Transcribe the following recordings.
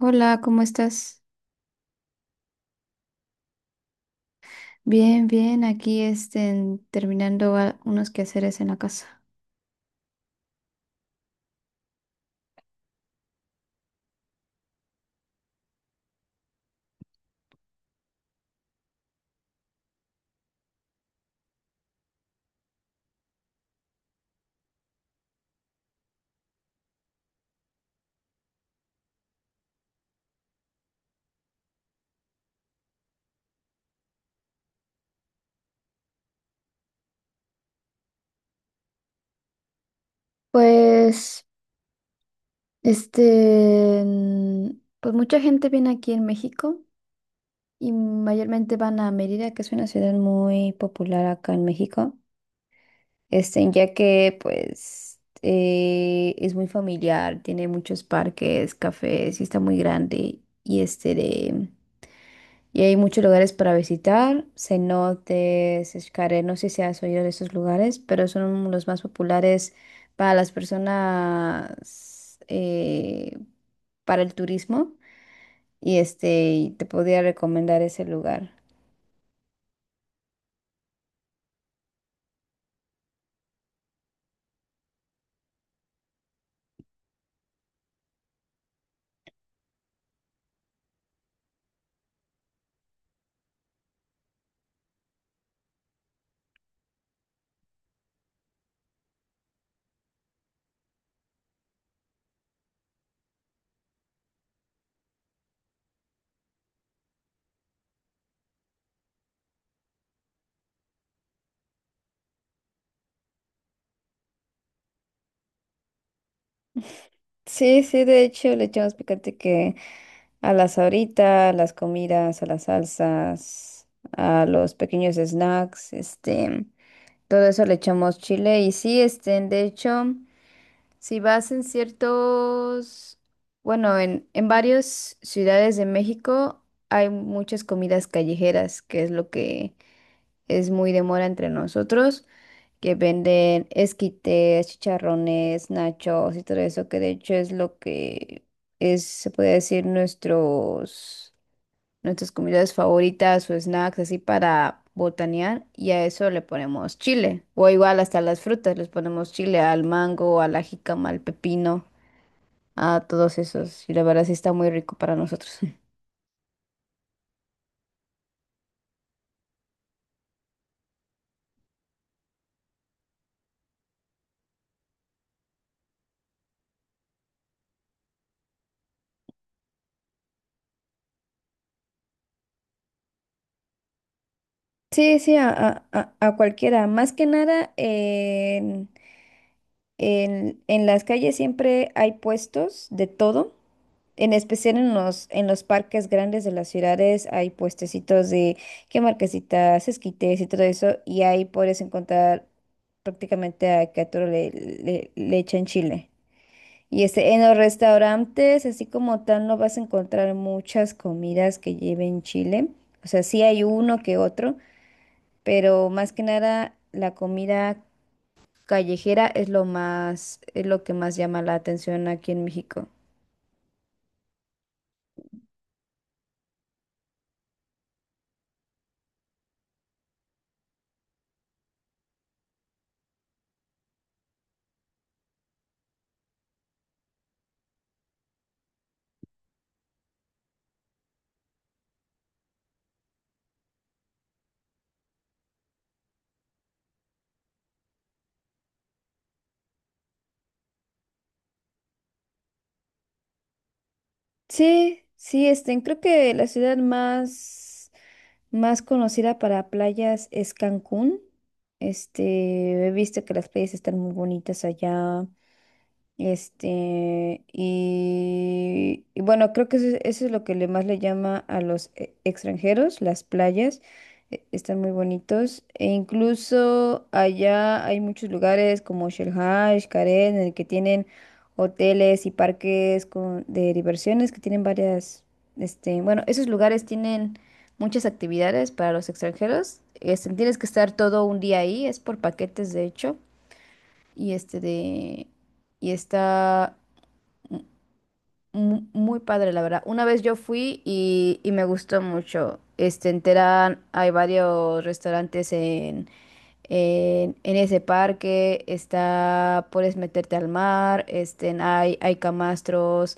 Hola, ¿cómo estás? Bien, bien, aquí terminando unos quehaceres en la casa. Pues, este, mm, pues, mucha gente viene aquí en México y mayormente van a Mérida, que es una ciudad muy popular acá en México, ya que pues es muy familiar, tiene muchos parques, cafés y está muy grande y este de Y hay muchos lugares para visitar, cenotes, escaré. No sé si has oído de esos lugares, pero son los más populares para las personas, para el turismo. Y te podría recomendar ese lugar. Sí, sí, de hecho le echamos picante que a las ahorita, a las comidas, a las salsas, a los pequeños snacks, todo eso le echamos chile. Y sí, de hecho. Si vas en ciertos, bueno, en varias ciudades de México hay muchas comidas callejeras, que es lo que es muy de moda entre nosotros, que venden esquites, chicharrones, nachos y todo eso, que de hecho es lo que es, se puede decir, nuestras comidas favoritas o snacks, así para botanear, y a eso le ponemos chile, o igual hasta las frutas, les ponemos chile al mango, a la jícama, al pepino a todos esos. Y la verdad sí está muy rico para nosotros. Sí, sí, a cualquiera. Más que nada, en las calles siempre hay puestos de todo. En especial en los parques grandes de las ciudades hay puestecitos de que marquesitas, esquites y todo eso. Y ahí puedes encontrar prácticamente a todo le echan chile. En los restaurantes, así como tal, no vas a encontrar muchas comidas que lleven chile. O sea, sí hay uno que otro, pero más que nada la comida callejera es lo más, es lo que más llama la atención aquí en México. Sí, sí, creo que la ciudad más, más conocida para playas es Cancún. He visto que las playas están muy bonitas allá. Y bueno, creo que eso es lo que le más le llama a los extranjeros, las playas. Están muy bonitos. E incluso allá hay muchos lugares como Shell Haj, Karen, en el que tienen hoteles y parques con, de diversiones que tienen varias, bueno, esos lugares tienen muchas actividades para los extranjeros. Tienes que estar todo un día ahí, es por paquetes de hecho y este de... Y está muy padre, la verdad. Una vez yo fui y me gustó mucho. En Terán hay varios restaurantes en ese parque. Está, puedes meterte al mar. Hay camastros.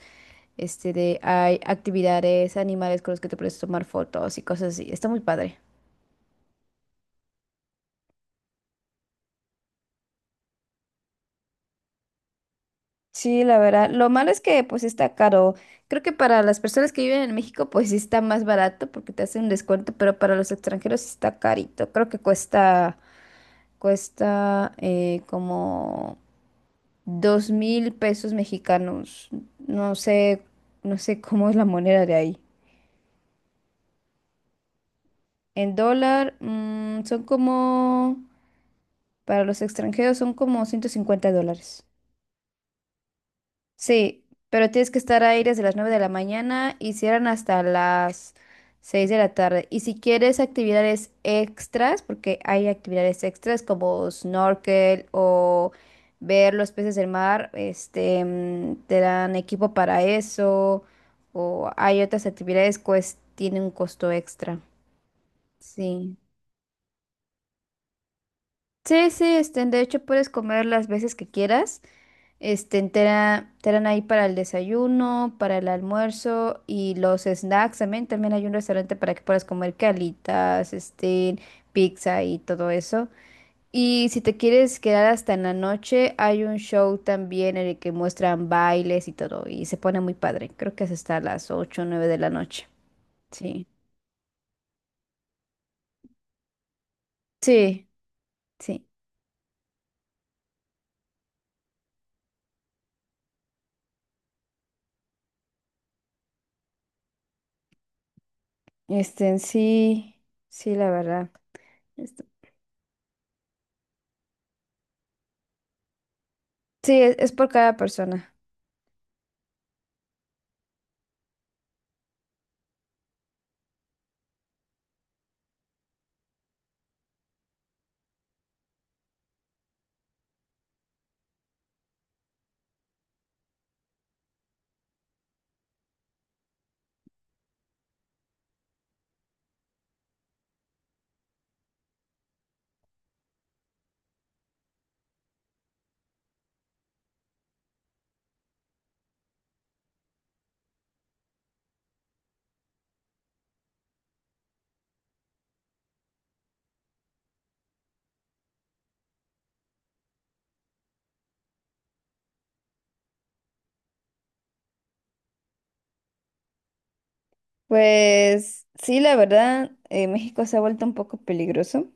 Hay actividades, animales con los que te puedes tomar fotos y cosas así. Está muy padre. Sí, la verdad. Lo malo es que pues está caro. Creo que para las personas que viven en México pues sí está más barato porque te hacen un descuento, pero para los extranjeros sí está carito. Creo que cuesta como 2000 pesos mexicanos. No sé, no sé cómo es la moneda de ahí. En dólar, son como, para los extranjeros son como 150 dólares. Sí, pero tienes que estar ahí desde las 9 de la mañana y cierran hasta las 6 de la tarde. Y si quieres actividades extras, porque hay actividades extras como snorkel o ver los peces del mar, te dan equipo para eso. O hay otras actividades que tienen un costo extra. Sí. Sí, sí, de hecho puedes comer las veces que quieras. Te dan ahí para el desayuno, para el almuerzo y los snacks también. También hay un restaurante para que puedas comer calitas, pizza y todo eso. Y si te quieres quedar hasta en la noche, hay un show también en el que muestran bailes y todo. Y se pone muy padre. Creo que es hasta las 8 o 9 de la noche. Sí. Sí, sí. En sí, sí, la verdad. Este, sí, es por cada persona. Pues sí, la verdad, México se ha vuelto un poco peligroso.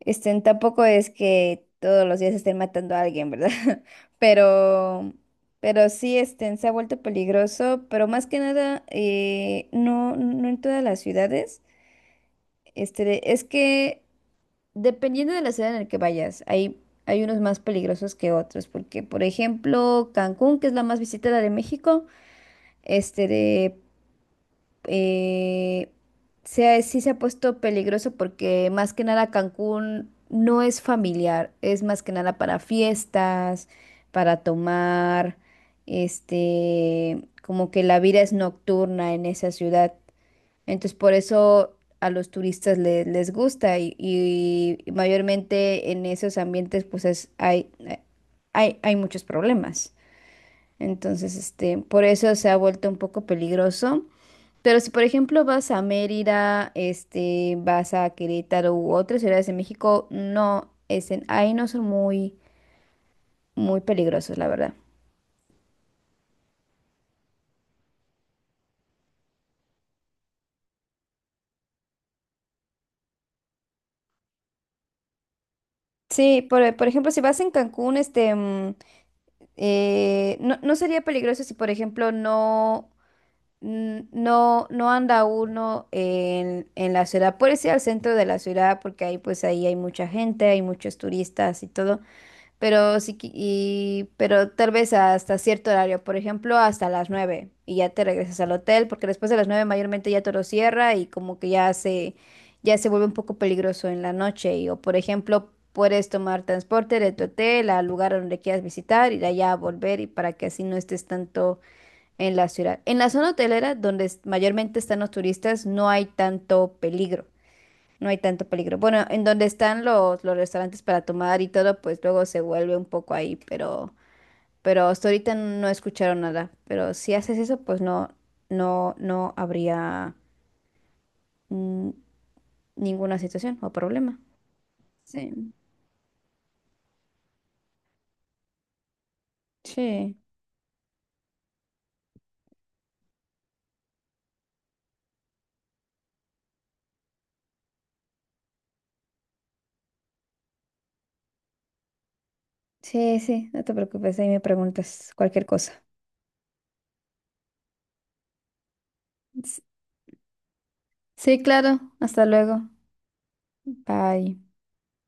Tampoco es que todos los días estén matando a alguien, ¿verdad? Pero, pero sí, se ha vuelto peligroso, pero más que nada, no, no en todas las ciudades. Es que dependiendo de la ciudad en la que vayas, hay unos más peligrosos que otros, porque, por ejemplo, Cancún, que es la más visitada de México, este, eh, sí se ha puesto peligroso porque más que nada Cancún no es familiar, es más que nada para fiestas, para tomar, como que la vida es nocturna en esa ciudad. Entonces por eso a los turistas les gusta y mayormente en esos ambientes pues hay muchos problemas. Entonces, por eso se ha vuelto un poco peligroso. Pero si, por ejemplo, vas a Mérida, vas a Querétaro u otras ciudades de México, no, ahí no son muy, muy peligrosos, la verdad. Sí, por ejemplo, si vas en Cancún, no, no sería peligroso si, por ejemplo, no anda uno en la ciudad. Puedes ir al centro de la ciudad porque ahí, pues, ahí hay mucha gente, hay muchos turistas y todo. Pero sí, pero tal vez hasta cierto horario, por ejemplo, hasta las 9 y ya te regresas al hotel, porque después de las 9 mayormente ya todo cierra y como que ya se vuelve un poco peligroso en la noche. Y, o por ejemplo, puedes tomar transporte de tu hotel al lugar donde quieras visitar ir allá a volver y para que así no estés tanto en la ciudad. En la zona hotelera, donde mayormente están los turistas, no hay tanto peligro. No hay tanto peligro. Bueno, en donde están los restaurantes para tomar y todo, pues luego se vuelve un poco ahí, pero hasta ahorita no escucharon nada. Pero si haces eso, pues no, no, no habría mm, ninguna situación o problema. Sí, sí, sí, sí, no te preocupes, ahí me preguntas cualquier cosa. S- Sí, claro, hasta luego. Bye.